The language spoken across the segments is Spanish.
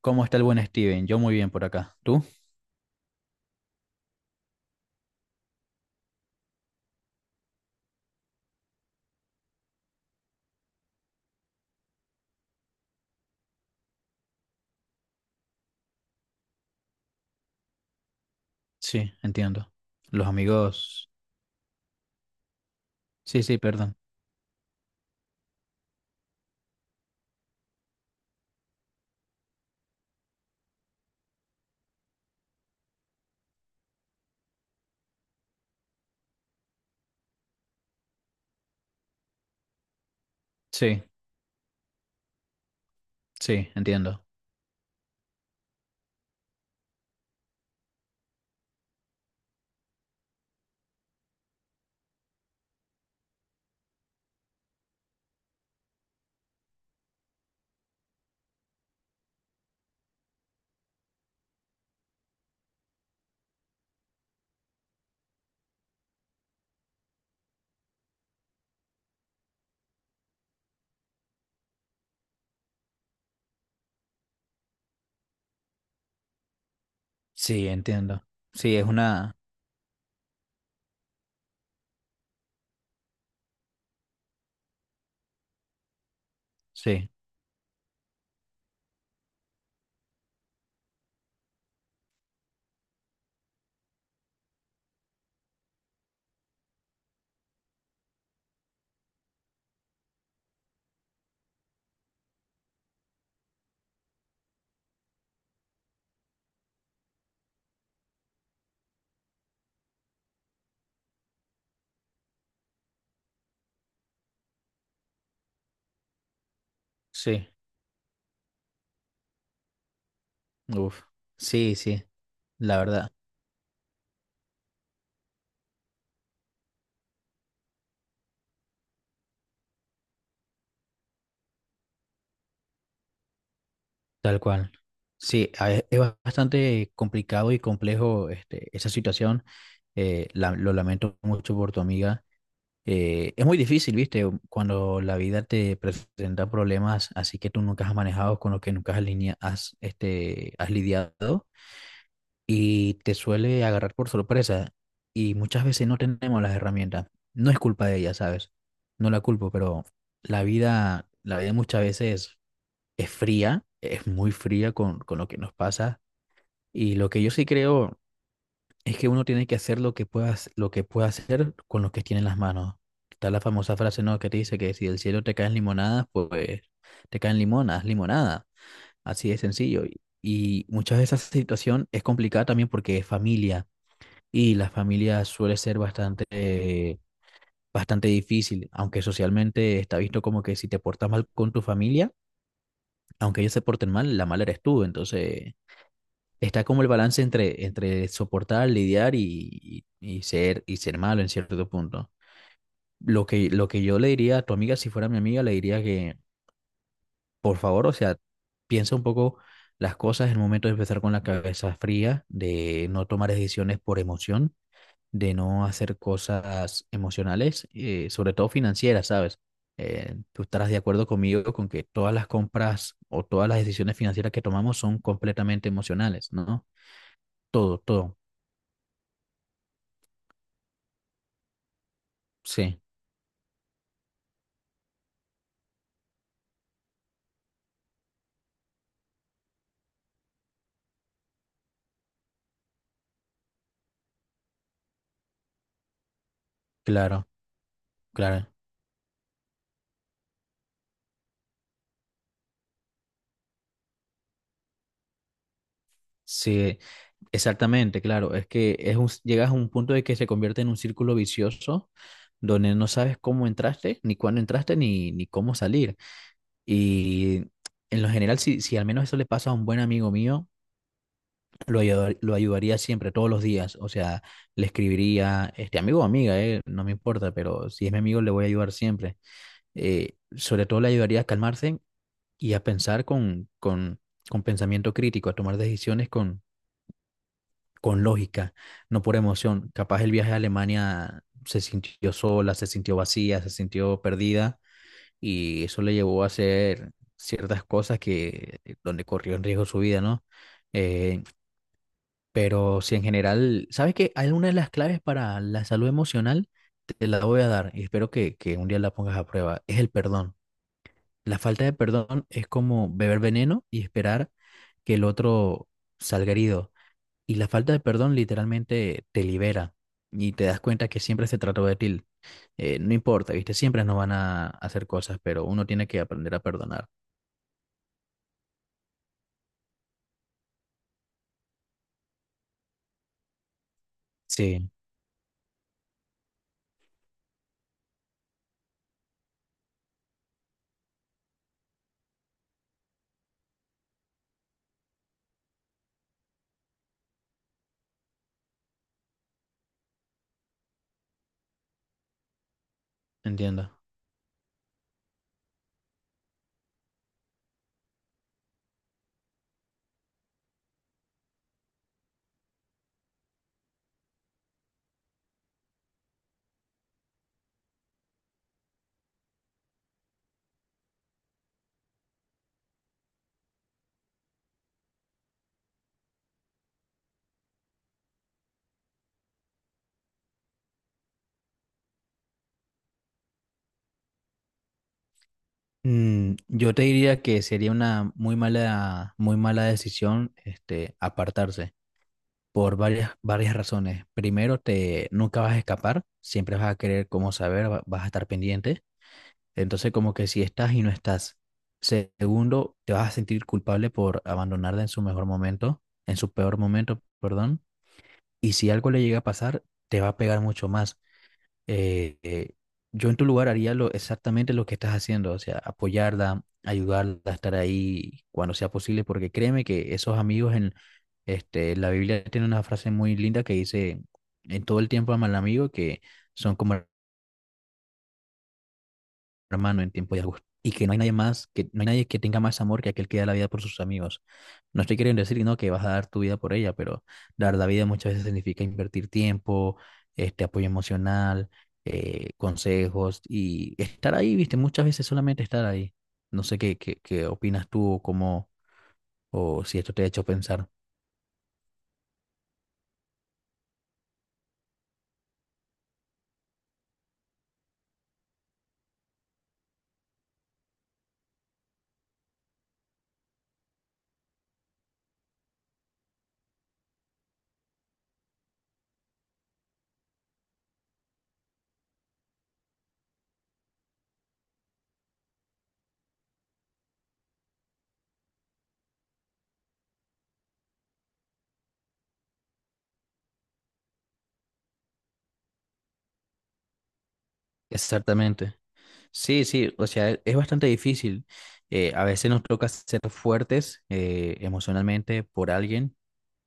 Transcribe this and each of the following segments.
¿Cómo está el buen Steven? Yo muy bien por acá. ¿Tú? Sí, entiendo. Los amigos. Sí, perdón. Sí, sí, entiendo. Sí, entiendo. Sí, es una. Sí, sí. Uf. Sí, la verdad. Tal cual. Sí, es bastante complicado y complejo esa situación. Lo lamento mucho por tu amiga. Es muy difícil, ¿viste? Cuando la vida te presenta problemas así que tú nunca has manejado, con los que nunca has, linea- has, este, has lidiado y te suele agarrar por sorpresa y muchas veces no tenemos las herramientas. No es culpa de ella, ¿sabes? No la culpo, pero la vida muchas veces es fría, es muy fría con lo que nos pasa y lo que yo sí creo es que uno tiene que hacer lo que pueda hacer con lo que tiene en las manos. Está la famosa frase, ¿no? Que te dice que si del cielo te caen limonadas, pues te caen limonada. Así de sencillo. Y muchas veces esa situación es complicada también porque es familia. Y la familia suele ser bastante, bastante difícil, aunque socialmente está visto como que si te portas mal con tu familia, aunque ellos se porten mal, la mala eres tú. Entonces está como el balance entre soportar, lidiar y ser malo en cierto punto. Lo que yo le diría a tu amiga, si fuera mi amiga, le diría que, por favor, o sea, piensa un poco las cosas en el momento de empezar con la cabeza fría, de no tomar decisiones por emoción, de no hacer cosas emocionales, sobre todo financieras, ¿sabes? Tú estarás de acuerdo conmigo con que todas las compras o todas las decisiones financieras que tomamos son completamente emocionales, ¿no? Todo. Sí. Claro, claro. Sí, exactamente, claro. Es que llegas a un punto de que se convierte en un círculo vicioso donde no sabes cómo entraste, ni cuándo entraste, ni cómo salir. Y en lo general, si al menos eso le pasa a un buen amigo mío, lo ayudaría siempre, todos los días. O sea, le escribiría, este amigo o amiga, no me importa, pero si es mi amigo, le voy a ayudar siempre. Sobre todo le ayudaría a calmarse y a pensar con pensamiento crítico, a tomar decisiones con lógica, no por emoción. Capaz el viaje a Alemania se sintió sola, se sintió vacía, se sintió perdida y eso le llevó a hacer ciertas cosas que donde corrió en riesgo su vida, ¿no? Eh, pero si en general, ¿sabes que hay una de las claves para la salud emocional, te la voy a dar y espero que un día la pongas a prueba, es el perdón. La falta de perdón es como beber veneno y esperar que el otro salga herido y la falta de perdón literalmente te libera y te das cuenta que siempre se trató de ti. No importa, ¿viste? Siempre nos van a hacer cosas, pero uno tiene que aprender a perdonar. Sí, entiendo. Yo te diría que sería una muy mala decisión, apartarse por varias razones. Primero, te nunca vas a escapar, siempre vas a querer cómo saber, vas a estar pendiente. Entonces, como que si estás y no estás. Segundo, te vas a sentir culpable por abandonarla en su mejor momento, en su peor momento, perdón. Y si algo le llega a pasar, te va a pegar mucho más. Eh, eh, yo en tu lugar haría lo, exactamente lo que estás haciendo, o sea, apoyarla, ayudarla a estar ahí cuando sea posible, porque créeme que esos amigos en la Biblia tiene una frase muy linda que dice, en todo el tiempo ama al amigo, que son como hermano en tiempo y angustia. Y que no hay nadie más, que no hay nadie que tenga más amor que aquel que da la vida por sus amigos. No estoy queriendo decir, no, que vas a dar tu vida por ella, pero dar la vida muchas veces significa invertir tiempo, este apoyo emocional, consejos y estar ahí, viste, muchas veces solamente estar ahí. No sé qué opinas tú o cómo, o si esto te ha hecho pensar. Exactamente. Sí, sí, o sea, es bastante difícil. A veces nos toca ser fuertes emocionalmente por alguien.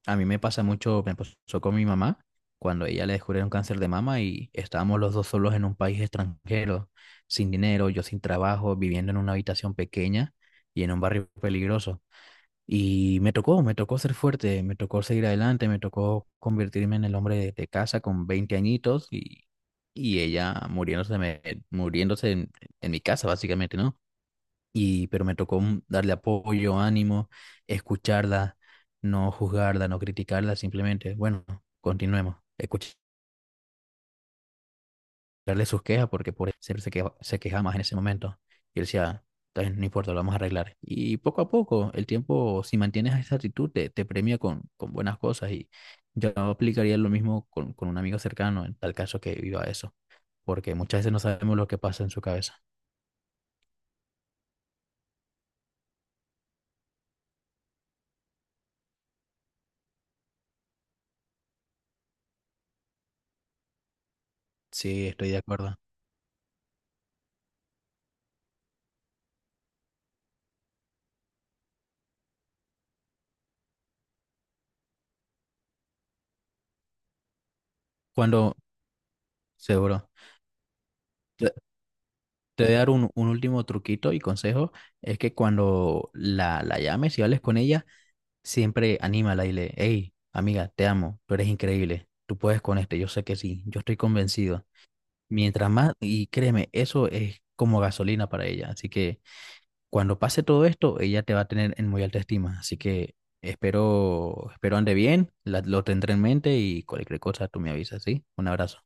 A mí me pasa mucho, me pasó con mi mamá cuando ella le descubrieron cáncer de mama y estábamos los dos solos en un país extranjero, sin dinero, yo sin trabajo, viviendo en una habitación pequeña y en un barrio peligroso. Me tocó ser fuerte, me tocó seguir adelante, me tocó convertirme en el hombre de casa con 20 añitos y ella muriéndose en mi casa, básicamente, ¿no? Y pero me tocó darle apoyo, ánimo, escucharla, no juzgarla, no criticarla, simplemente, bueno, continuemos, escucharle sus quejas porque por siempre se quejaba más en ese momento. Y él decía, "Está bien, no importa, lo vamos a arreglar". Y poco a poco, el tiempo, si mantienes esa actitud, te premia con buenas cosas y yo aplicaría lo mismo con un amigo cercano en tal caso que viva eso, porque muchas veces no sabemos lo que pasa en su cabeza. Sí, estoy de acuerdo. Cuando, seguro. Te voy a dar un último truquito y consejo, es que cuando la llames y hables con ella, siempre anímala y le, hey, amiga, te amo, tú eres increíble, tú puedes con este, yo sé que sí, yo estoy convencido. Mientras más, y créeme, eso es como gasolina para ella, así que cuando pase todo esto, ella te va a tener en muy alta estima, así que espero ande bien, lo tendré en mente y cualquier cosa tú me avisas, ¿sí? Un abrazo.